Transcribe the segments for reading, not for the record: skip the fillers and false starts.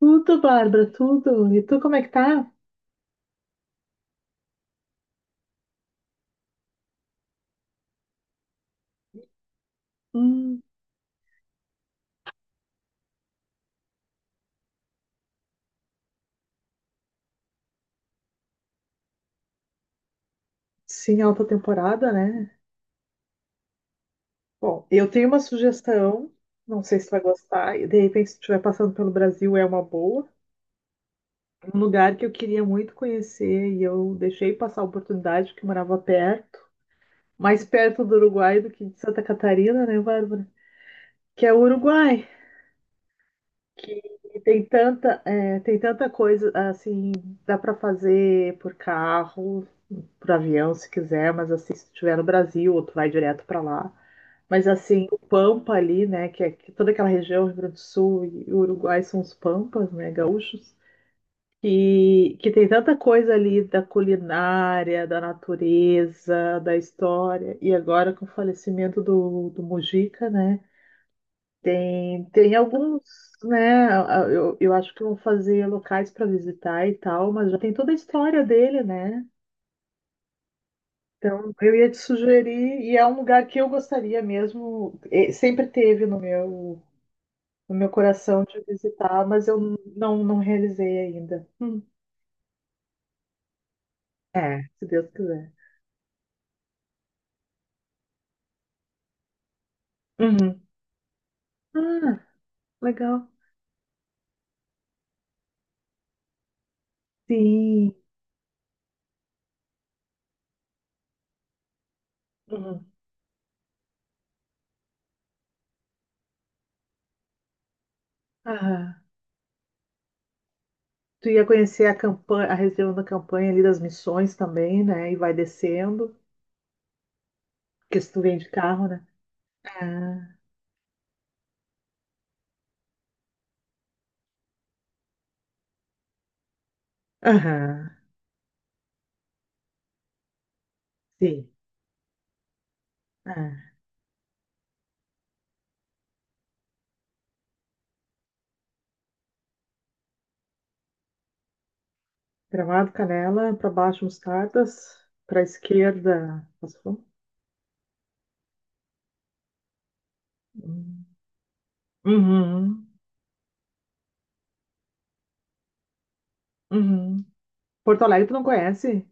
Tudo, Bárbara, tudo. E tu, como é que tá? Hum, sim, alta temporada, né? Bom, eu tenho uma sugestão, não sei se tu vai gostar, e de repente se tu estiver passando pelo Brasil é uma boa. Um lugar que eu queria muito conhecer e eu deixei passar a oportunidade porque eu morava perto, mais perto do Uruguai do que de Santa Catarina, né, Bárbara? Que é o Uruguai, que tem tanta, é, tem tanta coisa, assim, dá para fazer por carro, pro avião se quiser, mas assim, se estiver no Brasil, ou tu vai direto para lá. Mas assim, o Pampa ali, né, que é que toda aquela região, Rio Grande do Sul e Uruguai são os Pampas, né, gaúchos, que tem tanta coisa ali da culinária, da natureza, da história. E agora com o falecimento do Mujica, né, tem, tem alguns, né, eu acho que vão fazer locais para visitar e tal, mas já tem toda a história dele, né. Então, eu ia te sugerir, e é um lugar que eu gostaria mesmo, e sempre teve no meu, no meu coração de visitar, mas eu não realizei ainda. É, se Deus quiser. Uhum. Ah, legal. Sim. Uhum. Ah, tu ia conhecer a campanha, a região da campanha ali das Missões também, né? E vai descendo, porque se tu vem de carro, né? Ah, aham, sim. Ah. Gramado, Canela, para baixo, Mostardas, para esquerda. Passou? Hum. Uhum, uhum. Porto Alegre tu não conhece?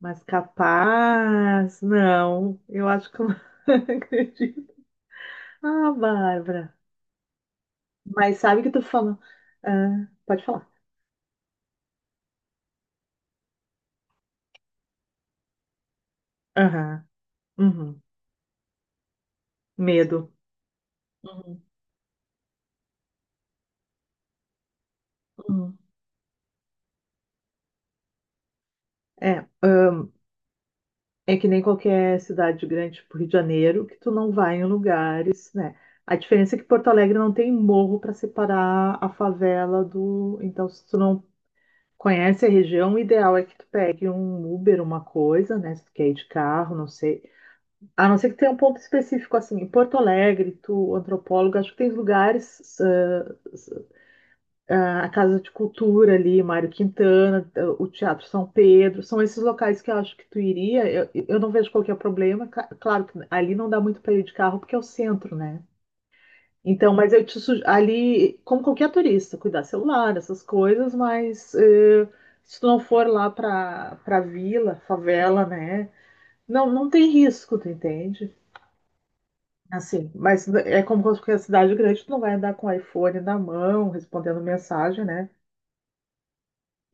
Mas capaz, não. Eu acho que eu não acredito. Ah, Bárbara. Mas sabe que tu fala. Ah, pode falar. Aham, uhum. Medo. Uhum, uhum. É, ah, é que nem qualquer cidade grande, tipo Rio de Janeiro, que tu não vai em lugares, né? A diferença é que Porto Alegre não tem morro para separar a favela do. Então, se tu não conhece a região, o ideal é que tu pegue um Uber, uma coisa, né? Se tu quer ir de carro, não sei. A não ser que tenha um ponto específico, assim, em Porto Alegre, tu, antropólogo, acho que tem lugares, a Casa de Cultura ali, Mário Quintana, ah, o Teatro São Pedro, são esses locais que eu acho que tu iria. Eu não vejo qualquer problema. Claro que ali não dá muito para ir de carro, porque é o centro, né? Então, mas eu te sugiro, ali, como qualquer turista, cuidar celular, essas coisas, mas se tu não for lá para vila, favela, né? Não, não tem risco, tu entende? Assim, mas é como qualquer cidade grande, tu não vai andar com o iPhone na mão, respondendo mensagem, né?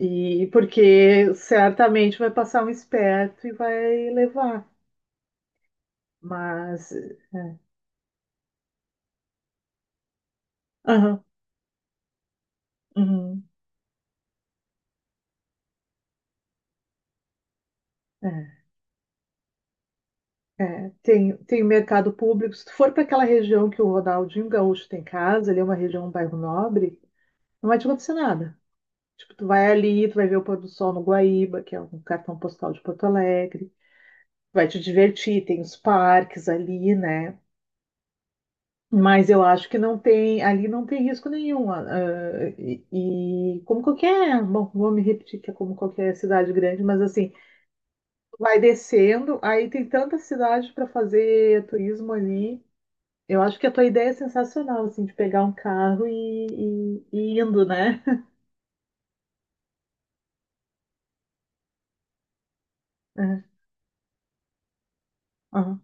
E porque certamente vai passar um esperto e vai levar. Mas, é. Aham, uhum, é. É, tem, tem o mercado público. Se tu for para aquela região que o Ronaldinho Gaúcho tem casa, ali é uma região, um bairro nobre, não vai te acontecer nada. Tipo, tu vai ali, tu vai ver o pôr do sol no Guaíba, que é um cartão postal de Porto Alegre, vai te divertir, tem os parques ali, né? Mas eu acho que não tem, ali não tem risco nenhum. E como qualquer, bom, vou me repetir que é como qualquer cidade grande, mas assim, vai descendo, aí tem tanta cidade para fazer turismo ali. Eu acho que a tua ideia é sensacional, assim, de pegar um carro e indo, né? É. Aham,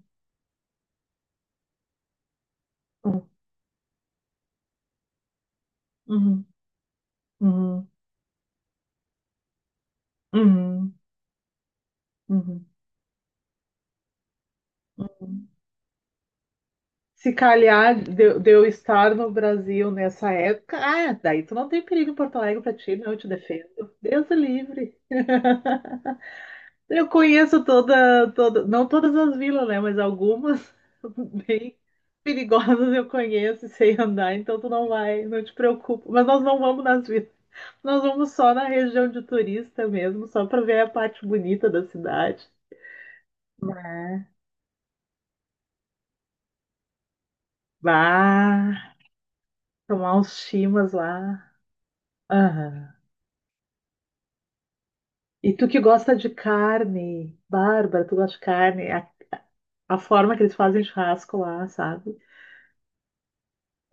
aham. Uhum, uhum, uhum, uhum, uhum. Se calhar de eu estar no Brasil nessa época, ah, daí tu não tem perigo em Porto Alegre pra ti, não, eu te defendo. Deus o livre. Eu conheço toda, toda, não todas as vilas, né, mas algumas bem perigosas eu conheço e sei andar, então tu não vai, não te preocupa. Mas nós não vamos nas vilas. Nós vamos só na região de turista mesmo, só pra ver a parte bonita da cidade. É. Bah, tomar uns chimas lá. Aham. E tu que gosta de carne, Bárbara, tu gosta de carne, a forma que eles fazem churrasco lá, sabe?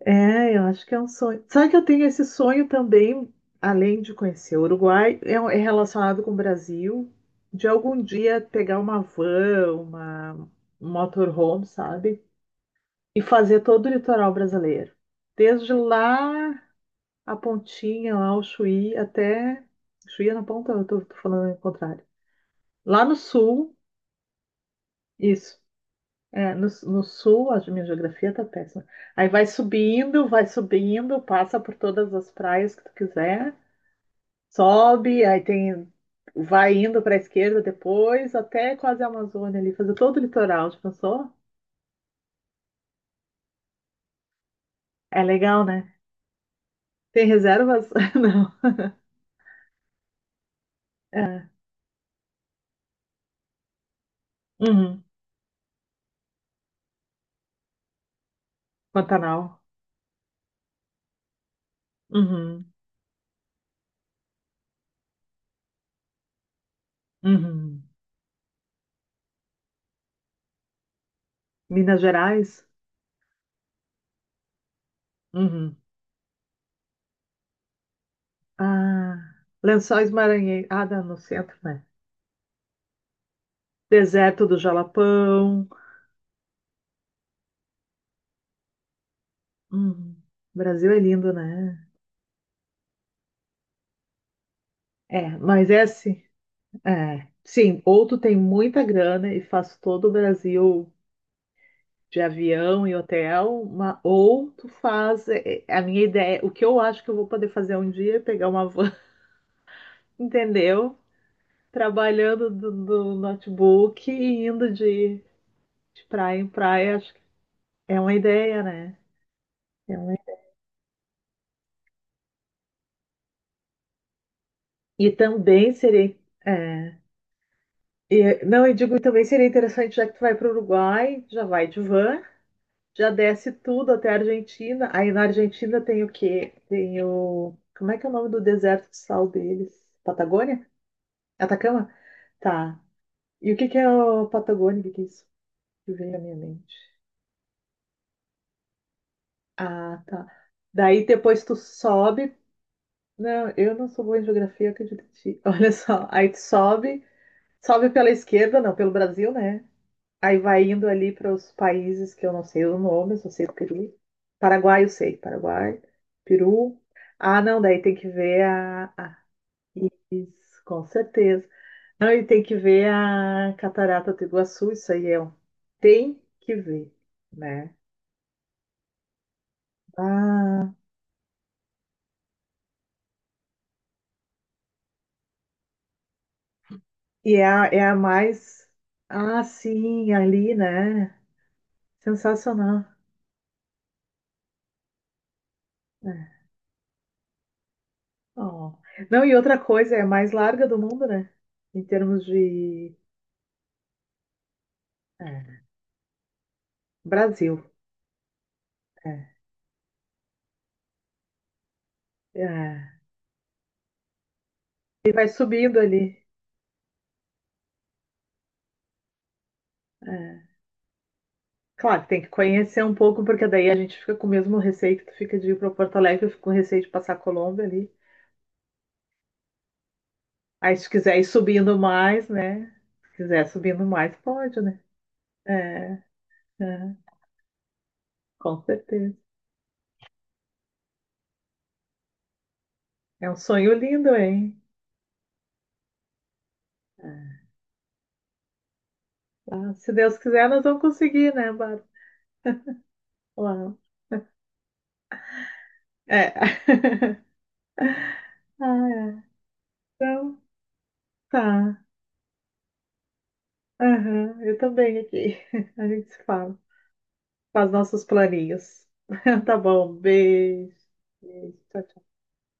É, eu acho que é um sonho. Sabe que eu tenho esse sonho também, além de conhecer o Uruguai, é, é relacionado com o Brasil, de algum dia pegar uma van, uma um motorhome, sabe? E fazer todo o litoral brasileiro. Desde lá, a pontinha, lá o Chuí, até. Chuí é na ponta, eu tô falando o contrário. Lá no sul, isso. É, no sul, a minha geografia tá péssima. Aí vai subindo, passa por todas as praias que tu quiser, sobe, aí tem. Vai indo para a esquerda depois, até quase a Amazônia ali, fazer todo o litoral, já pensou? É legal, né? Tem reservas? Não. É. Uhum. Pantanal. Uhum, uhum. Minas Gerais? Uhum. Ah, Lençóis Maranhenses. Ah, dá no centro, né? Deserto do Jalapão. Uhum. O Brasil é lindo, né? É, mas é assim. É. Sim, ou tu tem muita grana e faz todo o Brasil de avião e hotel, ou tu faz, a minha ideia, o que eu acho que eu vou poder fazer um dia é pegar uma van, entendeu? Trabalhando do notebook e indo de praia em praia, acho que é uma ideia, né? É uma- E também seria. é, e não, eu digo, também seria interessante, já que tu vai para o Uruguai, já vai de van, já desce tudo até a Argentina. Aí na Argentina tem o quê? Tem o. Como é que é o nome do deserto de sal deles? Patagônia? Atacama? Tá. E o que que é o Patagônia? O que que é isso? Que veio à minha mente. Ah, tá. Daí depois tu sobe. Não, eu não sou boa em geografia, acredito em ti. Olha só, aí tu sobe. Sobe pela esquerda, não, pelo Brasil, né? Aí vai indo ali para os países que eu não sei o nome, só sei do Peru. Paraguai, eu sei. Paraguai, Peru. Ah, não, daí tem que ver a, isso, com certeza. Não, e tem que ver a Catarata do Iguaçu, isso aí é um. Tem que ver, né? Ah, e é a, é a mais. Ah, sim, ali, né? Sensacional. É. Ó. Não, e outra coisa, é a mais larga do mundo, né? Em termos de, é, Brasil. É, é. E vai subindo ali. É. Claro, tem que conhecer um pouco, porque daí a gente fica com o mesmo receio que tu fica de ir para Porto Alegre, eu fico com receio de passar a Colômbia ali. Aí se quiser ir subindo mais, né? Se quiser subindo mais, pode, né? É, é, com certeza. É um sonho lindo, hein? É. Ah, se Deus quiser, nós vamos conseguir, né, Bárbara? Lá. É. Ah, é. Então, tá. Aham, eu também aqui. A gente se fala. Faz nossos planinhos. Tá bom, beijo. Beijo, tchau, tchau.